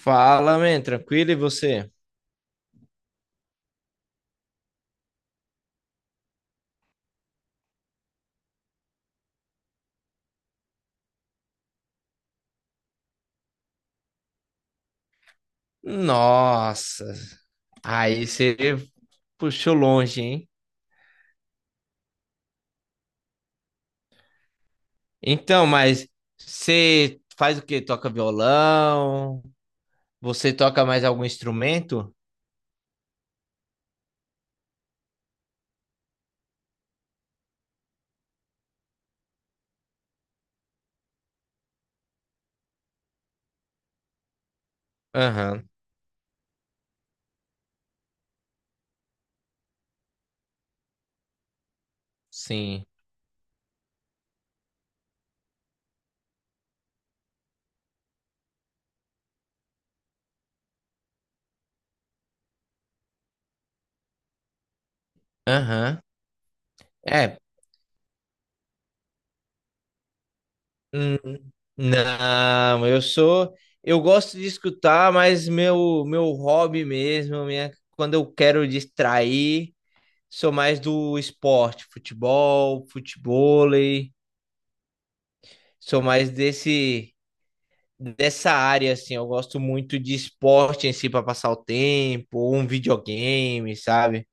Fala, man, tranquilo e você? Nossa, aí você puxou longe, hein? Então, mas você faz o quê? Toca violão? Você toca mais algum instrumento? Aham, sim. Aham. É, hum, não, eu sou. Eu gosto de escutar, mas meu hobby mesmo, minha, quando eu quero distrair, sou mais do esporte, futebol, futevôlei. Sou mais desse dessa área assim, eu gosto muito de esporte em si para passar o tempo, ou um videogame, sabe?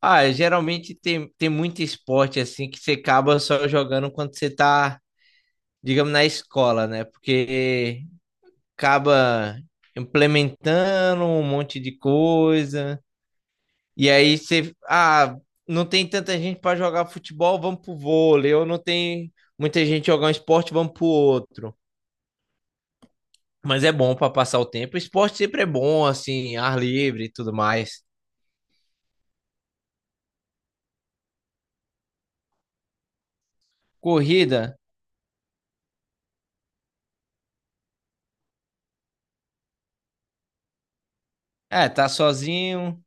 Ah, geralmente tem muito esporte assim que você acaba só jogando quando você tá, digamos, na escola, né? Porque acaba implementando um monte de coisa. E aí você, não tem tanta gente para jogar futebol, vamos pro vôlei, ou não tem muita gente jogar um esporte, vamos pro outro. Mas é bom para passar o tempo. Esporte sempre é bom, assim, ar livre e tudo mais. Corrida, é, tá sozinho.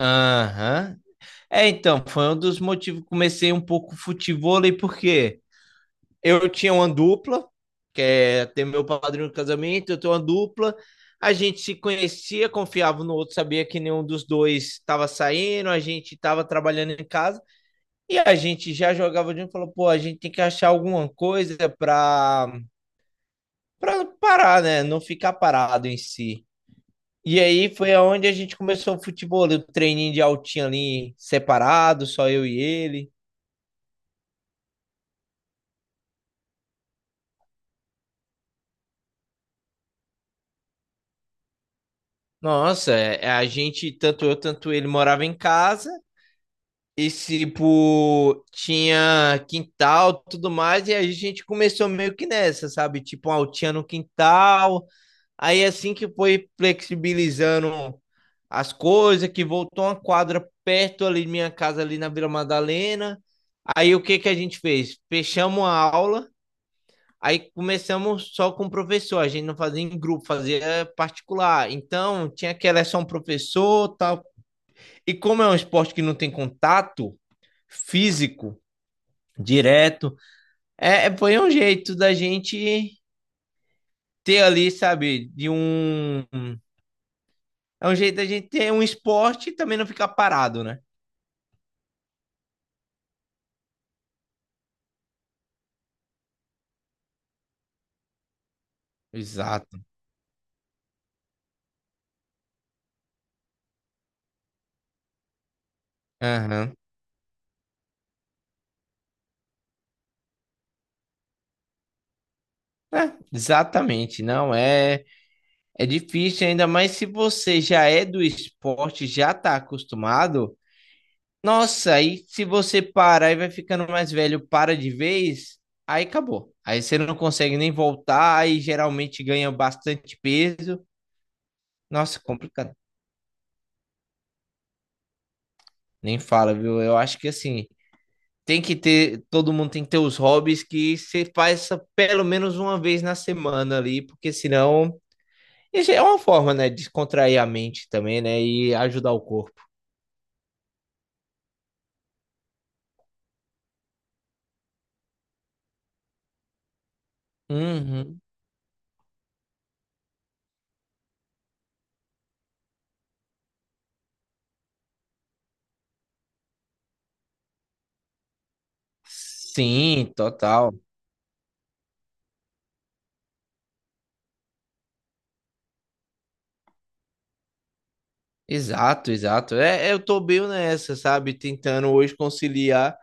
Aham. É, então, foi um dos motivos que comecei um pouco futevôlei, porque eu tinha uma dupla, que é ter meu padrinho no casamento, eu tenho uma dupla. A gente se conhecia, confiava no outro, sabia que nenhum dos dois estava saindo, a gente estava trabalhando em casa e a gente já jogava junto, e falou, pô, a gente tem que achar alguma coisa para parar, né? Não ficar parado em si. E aí foi aonde a gente começou o futebol, o treininho de altinha ali separado, só eu e ele. Nossa, é, é, a gente, tanto eu, tanto ele, morava em casa. E, tipo, tinha quintal, tudo mais, e aí a gente começou meio que nessa, sabe? Tipo, uma altinha no quintal. Aí assim que foi flexibilizando as coisas, que voltou uma quadra perto ali de minha casa, ali na Vila Madalena. Aí o que que a gente fez? Fechamos a aula, aí começamos só com o professor. A gente não fazia em grupo, fazia particular. Então tinha que era só um professor, tal. E como é um esporte que não tem contato físico direto, é, foi um jeito da gente ter ali, sabe, de um é um jeito da gente ter um esporte e também não ficar parado, né? Exato. Aham. É, exatamente. Não é. É difícil, ainda mais se você já é do esporte, já tá acostumado. Nossa, aí se você parar e vai ficando mais velho, para de vez, aí acabou. Aí você não consegue nem voltar, aí geralmente ganha bastante peso. Nossa, complicado. Nem fala, viu? Eu acho que assim, tem que ter, todo mundo tem que ter os hobbies que você faz pelo menos uma vez na semana ali, porque senão isso é uma forma, né, de descontrair a mente também, né, e ajudar o corpo. Uhum. Sim, total. Exato, exato. É, eu tô bem nessa, sabe? Tentando hoje conciliar,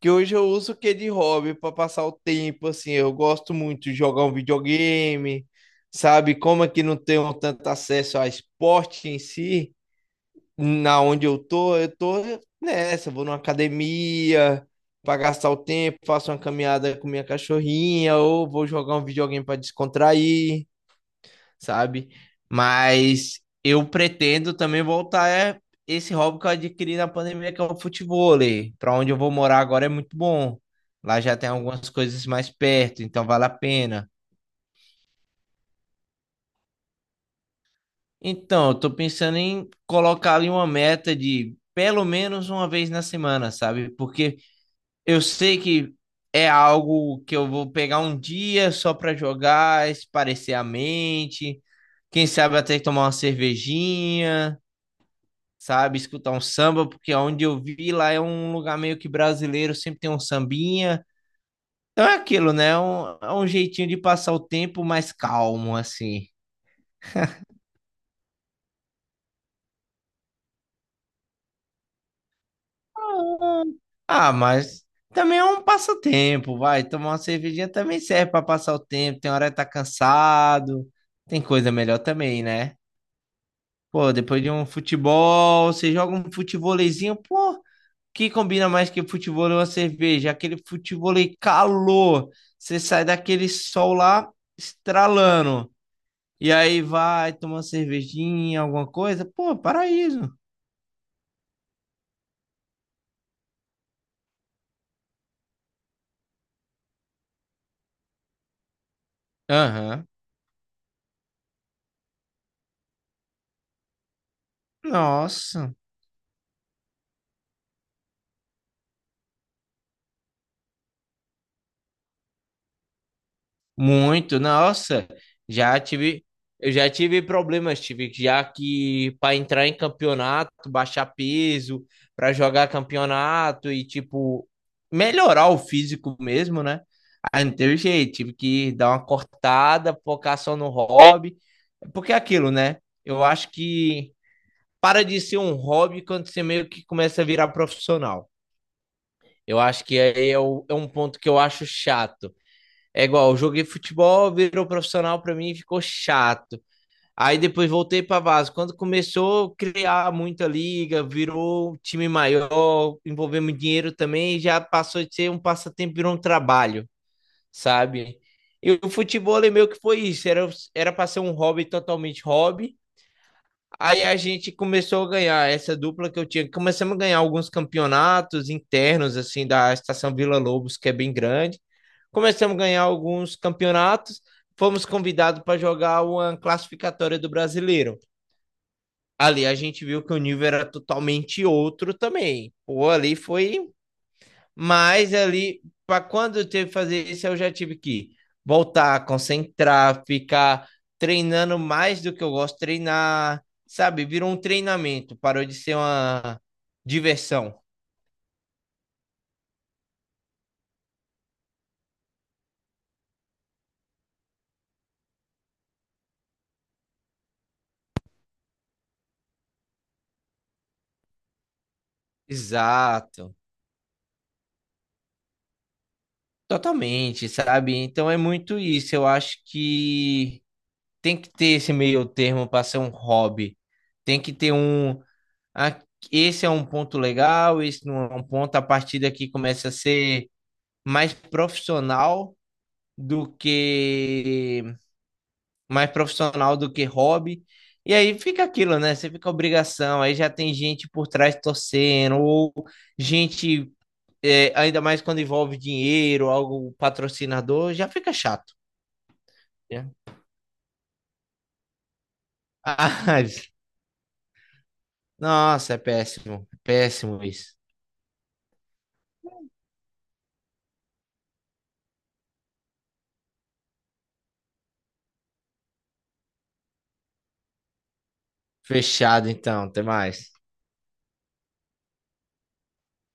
que hoje eu uso o que de hobby para passar o tempo, assim, eu gosto muito de jogar um videogame, sabe? Como é que não tenho tanto acesso a esporte em si, na onde eu tô nessa, vou numa academia para gastar o tempo, faço uma caminhada com minha cachorrinha, ou vou jogar um videogame para descontrair, sabe? Mas eu pretendo também voltar esse hobby que eu adquiri na pandemia, que é o futevôlei. Para onde eu vou morar agora é muito bom. Lá já tem algumas coisas mais perto, então vale a pena. Então, eu tô pensando em colocar ali uma meta de pelo menos uma vez na semana, sabe? Porque eu sei que é algo que eu vou pegar um dia só para jogar, espairecer a mente, quem sabe até tomar uma cervejinha, sabe, escutar um samba, porque onde eu vi lá é um lugar meio que brasileiro, sempre tem um sambinha. Então é aquilo, né? É um jeitinho de passar o tempo mais calmo, assim. Ah, mas também é um passatempo, vai. Tomar uma cervejinha também serve para passar o tempo. Tem hora que tá cansado, tem coisa melhor também, né? Pô, depois de um futebol, você joga um futevôleizinho, pô, que combina mais que futevôlei e uma cerveja? Aquele futevôlei calor, você sai daquele sol lá estralando, e aí vai tomar uma cervejinha, alguma coisa, pô, paraíso. Aham. Nossa. Muito, nossa, já tive, eu já tive problemas, tive já que para entrar em campeonato, baixar peso, para jogar campeonato e tipo melhorar o físico mesmo, né? Aí não teve jeito, tive que dar uma cortada, focar só no hobby, porque é aquilo, né? Eu acho que para de ser um hobby quando você meio que começa a virar profissional. Eu acho que aí é, é um ponto que eu acho chato. É igual, eu joguei futebol, virou profissional pra mim e ficou chato. Aí depois voltei pra Vaso. Quando começou a criar muita liga, virou um time maior, envolveu muito dinheiro também, já passou de ser um passatempo, virou um trabalho, sabe? E o futebol é meio que foi isso, era pra ser um hobby totalmente hobby. Aí a gente começou a ganhar essa dupla que eu tinha. Começamos a ganhar alguns campeonatos internos, assim, da Estação Vila Lobos, que é bem grande. Começamos a ganhar alguns campeonatos. Fomos convidados para jogar uma classificatória do Brasileiro. Ali a gente viu que o nível era totalmente outro também. Pô, ali foi mas ali, para quando eu teve que fazer isso, eu já tive que voltar, concentrar, ficar treinando mais do que eu gosto de treinar, sabe? Virou um treinamento, parou de ser uma diversão. Exato, totalmente, sabe? Então é muito isso. Eu acho que tem que ter esse meio termo para ser um hobby. Tem que ter um. Ah, Esse é um ponto legal, esse não é um ponto. A partir daqui começa a ser mais profissional do que mais profissional do que hobby. E aí fica aquilo, né? Você fica obrigação, aí já tem gente por trás torcendo, ou gente, é, ainda mais quando envolve dinheiro, algo patrocinador, já fica chato, né? Ah, nossa, é péssimo isso. Fechado então, até mais.